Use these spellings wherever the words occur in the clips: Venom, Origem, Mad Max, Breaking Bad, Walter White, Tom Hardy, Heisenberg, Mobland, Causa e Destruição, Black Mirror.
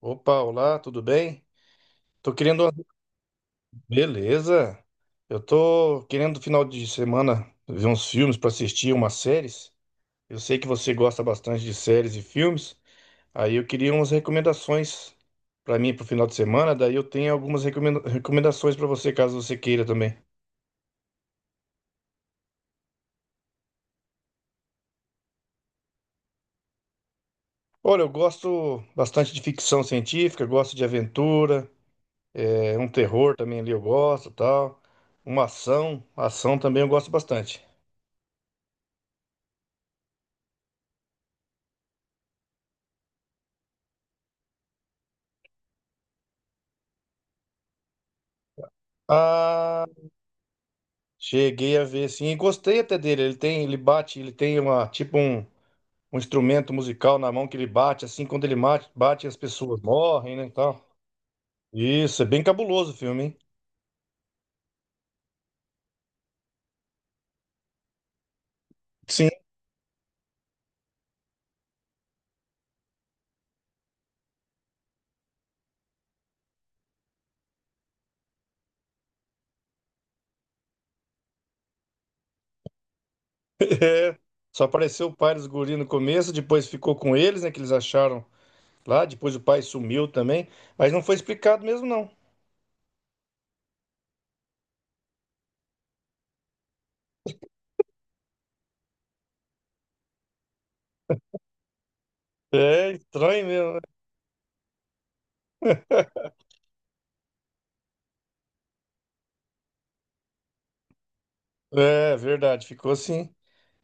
Opa, olá, tudo bem? Tô querendo. Beleza. Eu tô querendo final de semana ver uns filmes para assistir, umas séries. Eu sei que você gosta bastante de séries e filmes. Aí eu queria umas recomendações para mim pro final de semana. Daí eu tenho algumas recomendações para você, caso você queira também. Olha, eu gosto bastante de ficção científica, gosto de aventura, um terror também ali eu gosto, tal. Uma ação, ação também eu gosto bastante. Ah, cheguei a ver, sim, e gostei até dele. Ele tem, ele bate, ele tem uma um instrumento musical na mão que ele bate, assim, quando ele bate, bate as pessoas morrem, né, e tal. Isso, é bem cabuloso o filme, hein? Sim. É. Só apareceu o pai dos guris no começo, depois ficou com eles, né, que eles acharam lá, depois o pai sumiu também, mas não foi explicado mesmo, não. É estranho mesmo, né? É verdade, ficou assim.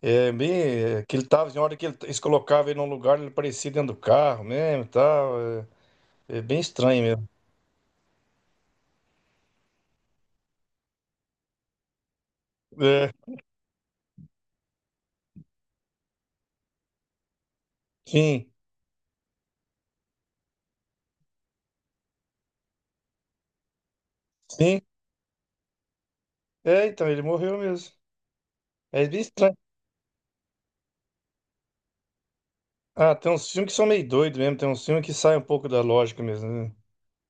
É bem que ele tava, na hora que eles colocavam ele num lugar, ele aparecia dentro do carro mesmo e tal. É. É bem estranho mesmo. É, sim, sim. É, então, ele morreu mesmo. É bem estranho. Ah, tem uns filmes que são meio doidos mesmo, tem uns filmes que saem um pouco da lógica mesmo, né?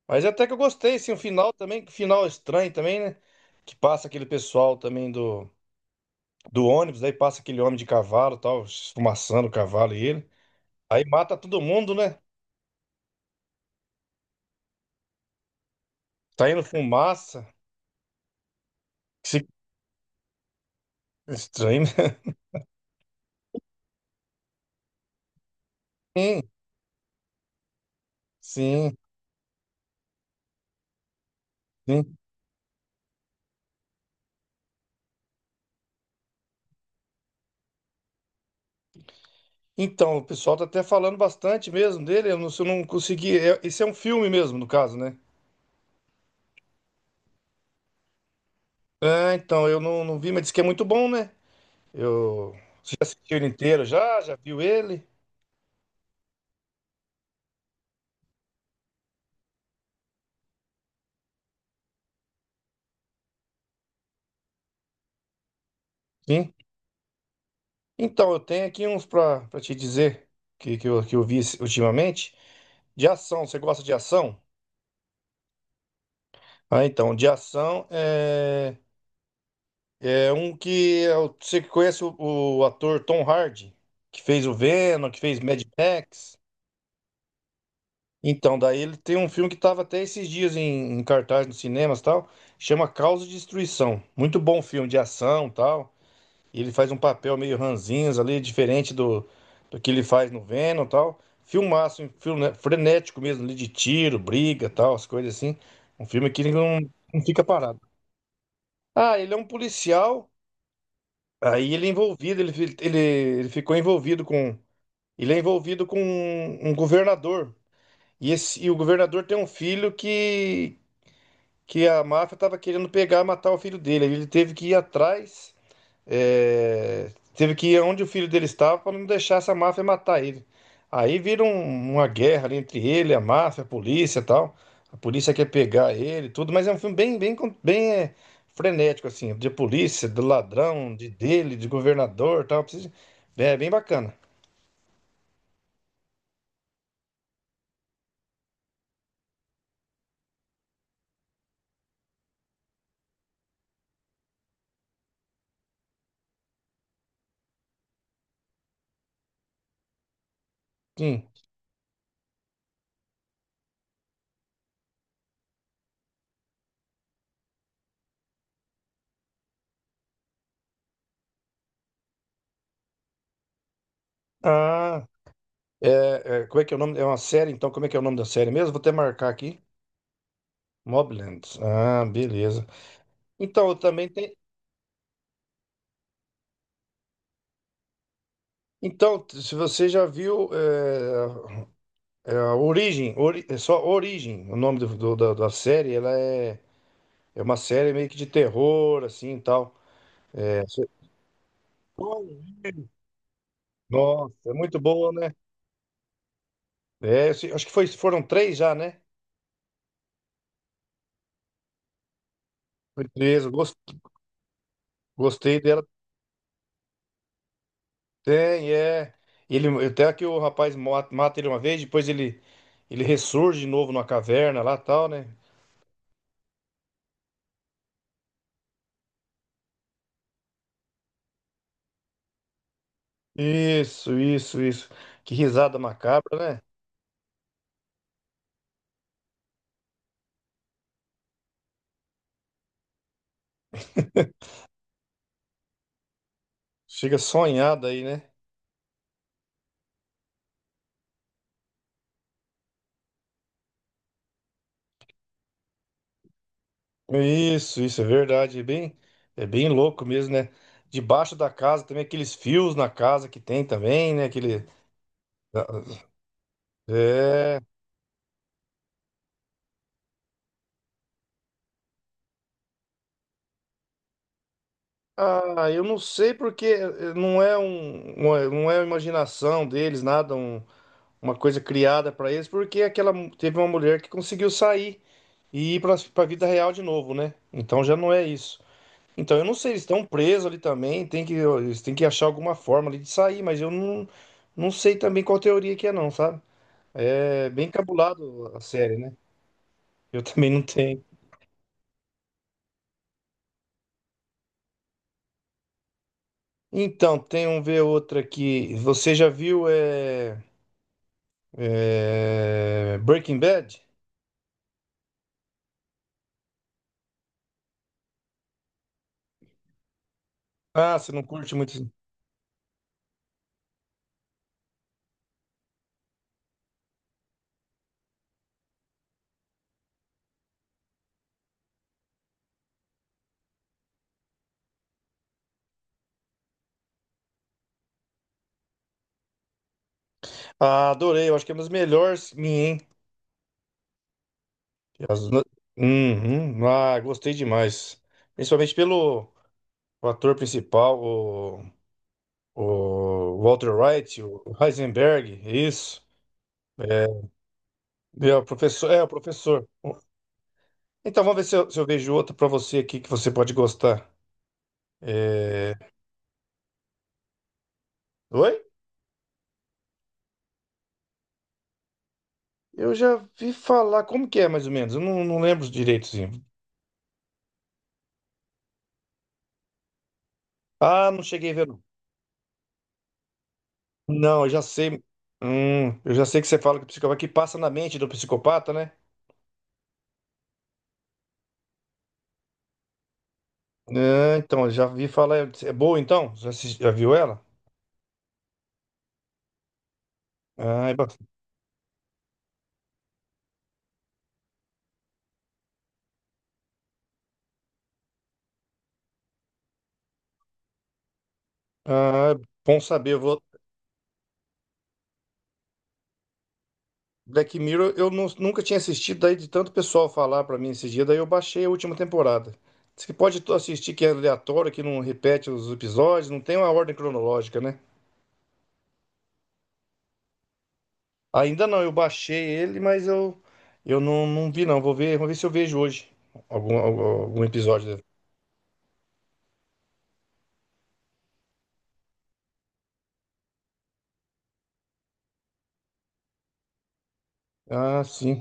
Mas até que eu gostei, sim, o final também, que final estranho também, né? Que passa aquele pessoal também do ônibus, daí passa aquele homem de cavalo, tal, esfumaçando o cavalo e ele. Aí mata todo mundo, né? Tá indo fumaça. Que se- Estranho, né? Sim, sim. Sim. Então, o pessoal tá até falando bastante mesmo dele. Eu não, se eu não consegui. Esse é um filme mesmo, no caso, né? Ah, então, eu não, não vi, mas diz que é muito bom, né? Eu. Você já assistiu ele inteiro já? Já viu ele? Sim. Então, eu tenho aqui uns pra te dizer que eu vi ultimamente. De ação, você gosta de ação? Ah, então, de ação é. Você que conhece o ator Tom Hardy, que fez o Venom, que fez Mad Max. Então, daí ele tem um filme que estava até esses dias em cartaz nos cinemas e tal, chama Causa e Destruição. Muito bom filme de ação e tal. E ele faz um papel meio ranzinhos ali, diferente do que ele faz no Venom e tal. Filmaço, um filme, né, frenético mesmo, ali de tiro, briga e tal, as coisas assim. Um filme que ele não, não fica parado. Ah, ele é um policial, aí ele é envolvido, ele ficou envolvido com. Ele é envolvido com um governador. E, e o governador tem um filho que a máfia estava querendo pegar, matar o filho dele. Aí ele teve que ir atrás, é, teve que ir onde o filho dele estava para não deixar essa máfia matar ele. Aí vira uma guerra ali entre ele, a máfia, a polícia e tal. A polícia quer pegar ele, e tudo, mas é um filme bem, bem, con- bem é, frenético, assim, de polícia, do ladrão, de dele, de governador, e tal. Precisa- É bem bacana. Sim. Ah, como é que é o nome? É uma série, então, como é que é o nome da série mesmo? Vou até marcar aqui. Mobland. Ah, beleza. Então, eu também tem. Então, se você já viu é a Origem, é só Origem, o nome da série, é uma série meio que de terror, assim e tal. É, você- Nossa, é muito boa, né? É, eu sei- acho que foi, foram três já, né? Foi três, gostei dela. Tem, é. Ele, até que o rapaz mata, mata ele uma vez, ele ressurge de novo numa caverna lá e tal, né? Isso, isso, isso. Que risada macabra, né? Chega sonhada aí, né? Isso é verdade. É bem louco mesmo, né? Debaixo da casa também, aqueles fios na casa que tem também, né? Aquele. Ah, é. Ah, eu não sei porque não é um, não é a imaginação deles, nada, uma coisa criada para eles, porque teve uma mulher que conseguiu sair e ir para a vida real de novo, né? Então já não é isso. Então, eu não sei, eles estão presos ali também, eles têm que achar alguma forma ali de sair, mas eu não, não sei também qual teoria que é não, sabe? É bem cabulado a série, né? Eu também não tenho. Então, tem um ver outra aqui. Você já viu é, Breaking Bad? Ah, você não curte muito. Ah, adorei, eu acho que é uma das melhores minha, hein? As uhum. Ah, gostei demais. Principalmente pelo o ator principal, o Walter White, o Heisenberg, é isso. E, ó, o professor, é, o professor. Então vamos ver se eu vejo outro para você aqui que você pode gostar. É, oi? Eu já vi falar, como que é mais ou menos? Eu não, não lembro direitozinho. Ah, não cheguei a ver. Não, não, eu já sei. Eu já sei que você fala que o psicopata que passa na mente do psicopata, né? Ah, então, eu já vi falar. É boa então? Já, já viu ela? Ah, é ba- ah, é bom saber. Eu vou, Black Mirror nunca tinha assistido, daí de tanto pessoal falar pra mim esse dia, daí eu baixei a última temporada. Diz que pode tu assistir que é aleatório, que não repete os episódios, não tem uma ordem cronológica, né? Ainda não, eu baixei ele, eu não, não vi não. Vou ver se eu vejo hoje algum episódio dele. Ah, sim.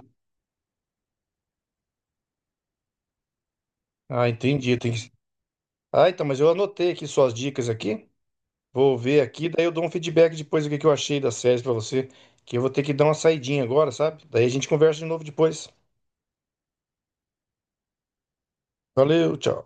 Ah, entendi. Tem que... Ah, então, mas eu anotei aqui suas dicas aqui. Vou ver aqui, daí eu dou um feedback depois do que eu achei da série pra você, que eu vou ter que dar uma saidinha agora, sabe? Daí a gente conversa de novo depois. Valeu, tchau.